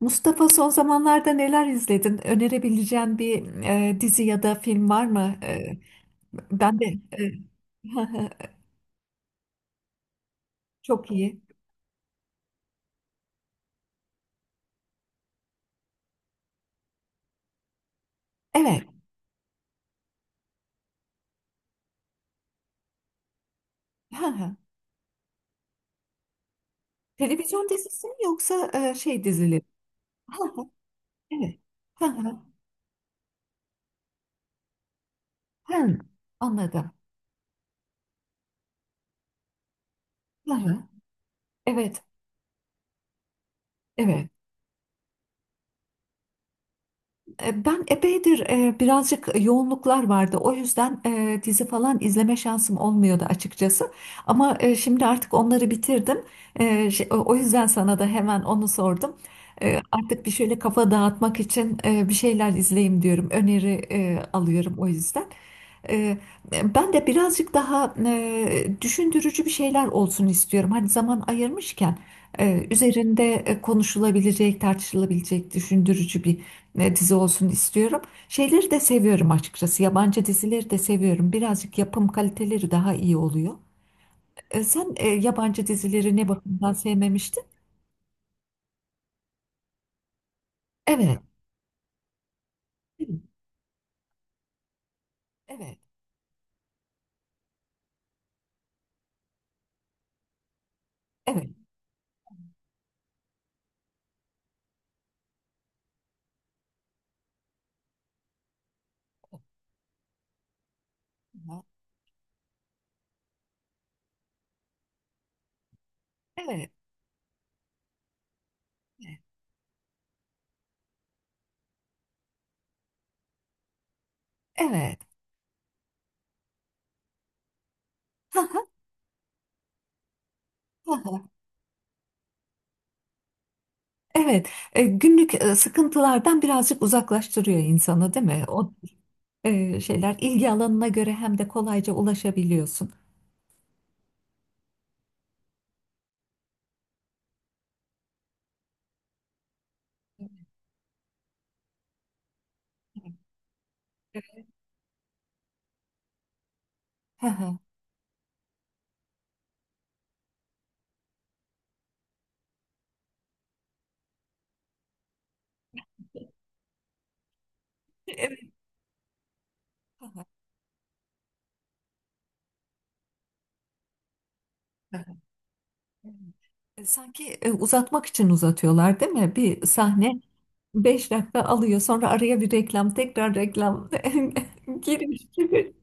Mustafa, son zamanlarda neler izledin? Önerebileceğin bir dizi ya da film var mı? Ben de e, çok iyi. Evet. Televizyon dizisi mi yoksa şey dizileri? Evet. Hı, anladım. Evet. Evet. Ben epeydir birazcık yoğunluklar vardı. O yüzden dizi falan izleme şansım olmuyordu açıkçası. Ama şimdi artık onları bitirdim. O yüzden sana da hemen onu sordum. Artık bir şöyle kafa dağıtmak için bir şeyler izleyeyim diyorum. Öneri alıyorum o yüzden. Ee, Ben de birazcık daha düşündürücü bir şeyler olsun istiyorum. Hani zaman ayırmışken üzerinde konuşulabilecek, tartışılabilecek, düşündürücü bir dizi olsun istiyorum. Şeyleri de seviyorum açıkçası. Yabancı dizileri de seviyorum. Birazcık yapım kaliteleri daha iyi oluyor. Sen yabancı dizileri ne bakımdan sevmemiştin? Evet. Evet. Evet. Evet. Evet. Evet. Evet. Evet, günlük sıkıntılardan birazcık uzaklaştırıyor insanı, değil mi? O şeyler ilgi alanına göre hem de kolayca ulaşabiliyorsun. Hı hı. Evet. Hı hı, hı hı. Evet. Sanki uzatmak için uzatıyorlar, değil mi? Bir sahne 5 dakika alıyor, sonra araya bir reklam, tekrar reklam girmiş gibi.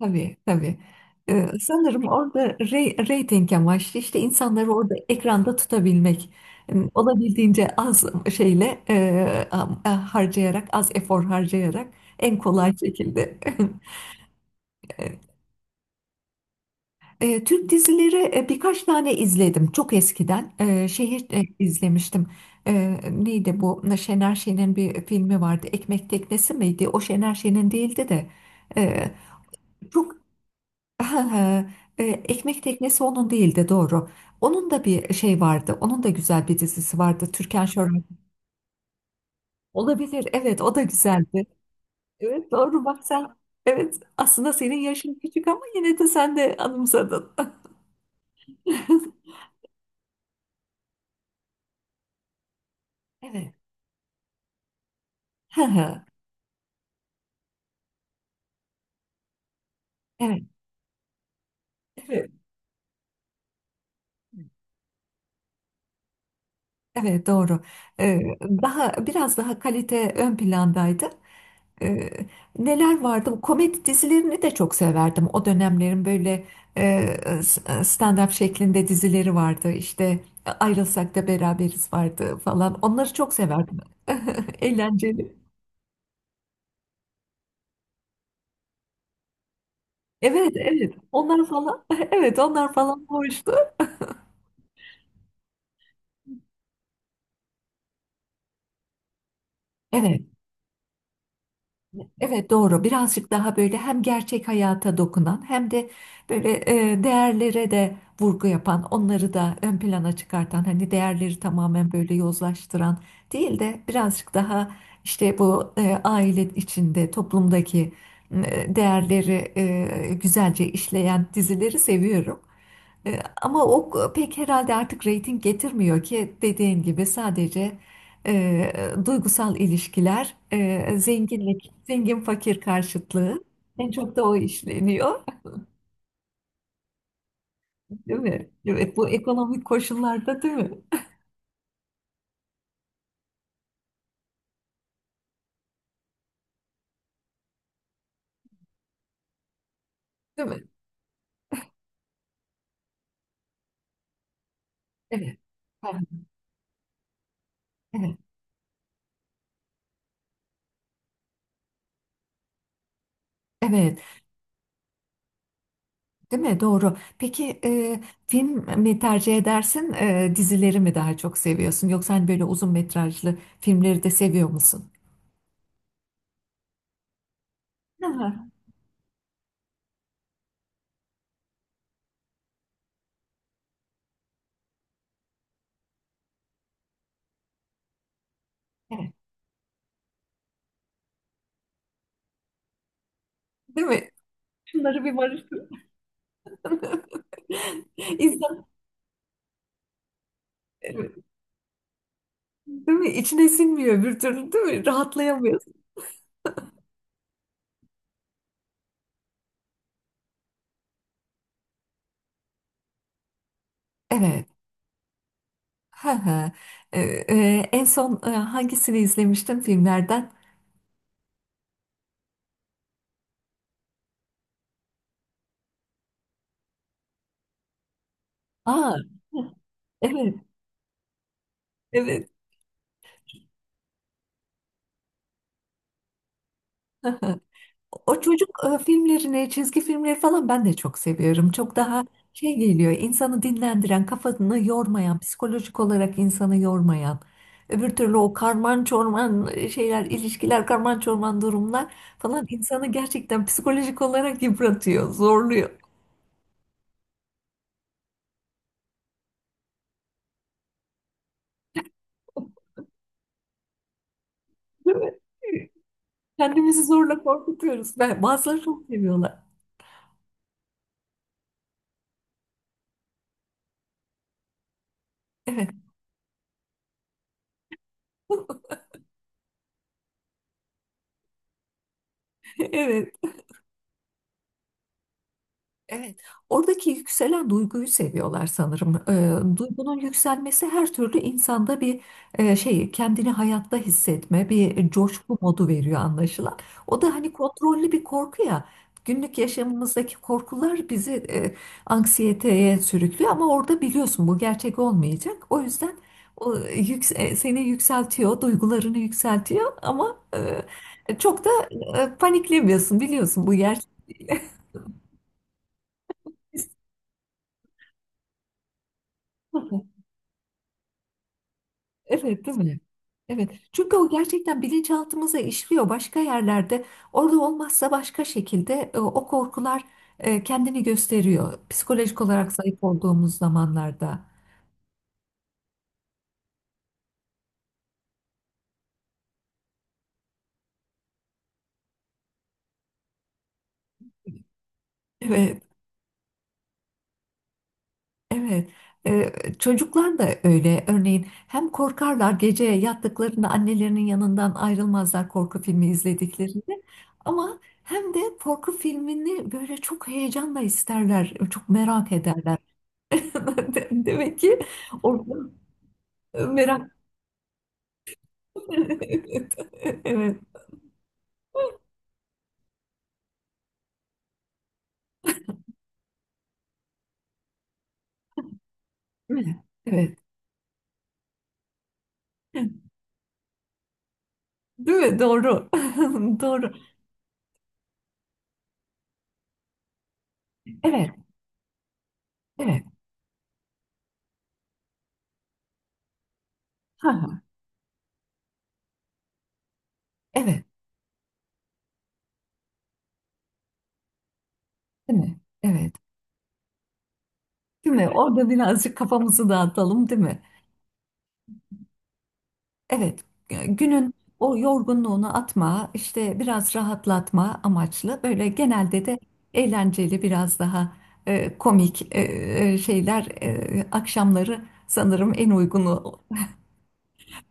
Tabii tabii. Sanırım orada reyting amaçlı işte insanları orada ekranda tutabilmek. Olabildiğince az şeyle harcayarak, az efor harcayarak en kolay şekilde. Türk dizileri birkaç tane izledim çok eskiden. Şeyi izlemiştim. Neydi bu? Şener Şen'in bir filmi vardı. Ekmek Teknesi miydi? O Şener Şen'in değildi de. E, çok Ha, ha, e, Ekmek Teknesi onun değildi, doğru. Onun da bir şey vardı. Onun da güzel bir dizisi vardı. Türkan Şoray. Olabilir. Evet, o da güzeldi. Evet, doğru bak sen. Evet, aslında senin yaşın küçük ama yine de sen de anımsadın. Evet. Ha ha. Evet. Evet. Evet, doğru. Daha biraz daha kalite ön plandaydı. Ee, Neler vardı? Komedi dizilerini de çok severdim. O dönemlerin böyle e, stand-up şeklinde dizileri vardı. İşte Ayrılsak da Beraberiz vardı falan. Onları çok severdim. Eğlenceli. Evet, evet. Onlar falan. Evet, onlar falan hoştu. Evet. Evet doğru. Birazcık daha böyle hem gerçek hayata dokunan hem de böyle değerlere de vurgu yapan, onları da ön plana çıkartan, hani değerleri tamamen böyle yozlaştıran değil de birazcık daha işte bu aile içinde, toplumdaki değerleri güzelce işleyen dizileri seviyorum. Ama o pek herhalde artık reyting getirmiyor ki, dediğin gibi sadece e, duygusal ilişkiler, zenginlik, zengin fakir karşıtlığı en çok da o işleniyor, değil mi? Evet, bu ekonomik koşullarda, değil mi? Değil mi? Evet. Ha, evet, evet, değil mi? Doğru. Peki film mi tercih edersin, dizileri mi daha çok seviyorsun? Yoksa hani böyle uzun metrajlı filmleri de seviyor musun? Aha, evet. Değil mi? Şunları bir barıştıralım. İnsan evet, değil mi? İçine sinmiyor bir türlü, değil mi? Rahatlayamıyorsun. Evet. Hı hı. En son hangisini izlemiştim filmlerden? Aa, evet. Evet. O çocuk filmlerini, çizgi filmleri falan ben de çok seviyorum. Çok daha şey geliyor, insanı dinlendiren, kafasını yormayan, psikolojik olarak insanı yormayan. Öbür türlü o karman çorman şeyler, ilişkiler, karman çorman durumlar falan insanı gerçekten psikolojik olarak yıpratıyor, zorluyor. Değil mi? Kendimizi zorla korkutuyoruz. Ben, bazıları çok seviyorlar. Evet, evet. Evet, oradaki yükselen duyguyu seviyorlar sanırım. Duygunun yükselmesi her türlü insanda bir şey, kendini hayatta hissetme, bir coşku modu veriyor anlaşılan. O da hani kontrollü bir korku ya. Günlük yaşamımızdaki korkular bizi anksiyeteye sürüklüyor ama orada biliyorsun bu gerçek olmayacak. O yüzden seni yükseltiyor, duygularını yükseltiyor ama çok da paniklemiyorsun, biliyorsun bu gerçek. Evet, değil mi? Evet. Çünkü o gerçekten bilinçaltımıza işliyor başka yerlerde. Orada olmazsa başka şekilde o korkular kendini gösteriyor. Psikolojik olarak zayıf olduğumuz zamanlarda. Evet, evet. Ee, Çocuklar da öyle. Örneğin hem korkarlar gece yattıklarında, annelerinin yanından ayrılmazlar korku filmi izlediklerinde. Ama hem de korku filmini böyle çok heyecanla isterler, çok merak ederler. Demek ki orada merak. Evet. Evet. Evet. Değil mi? Doğru. Doğru. Evet. Evet. Ha, ha. Evet. Değil mi? Evet. Değil mi? Orada birazcık kafamızı dağıtalım, değil mi? Evet. Günün o yorgunluğunu atma, işte biraz rahatlatma amaçlı, böyle genelde de eğlenceli, biraz daha komik şeyler akşamları sanırım en uygunu.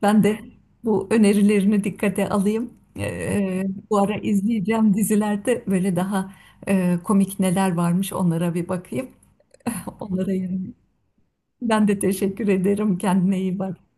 Ben de bu önerilerini dikkate alayım. Bu ara izleyeceğim dizilerde böyle daha komik neler varmış, onlara bir bakayım. Onlara yönelik. Ben de teşekkür ederim. Kendine iyi bak.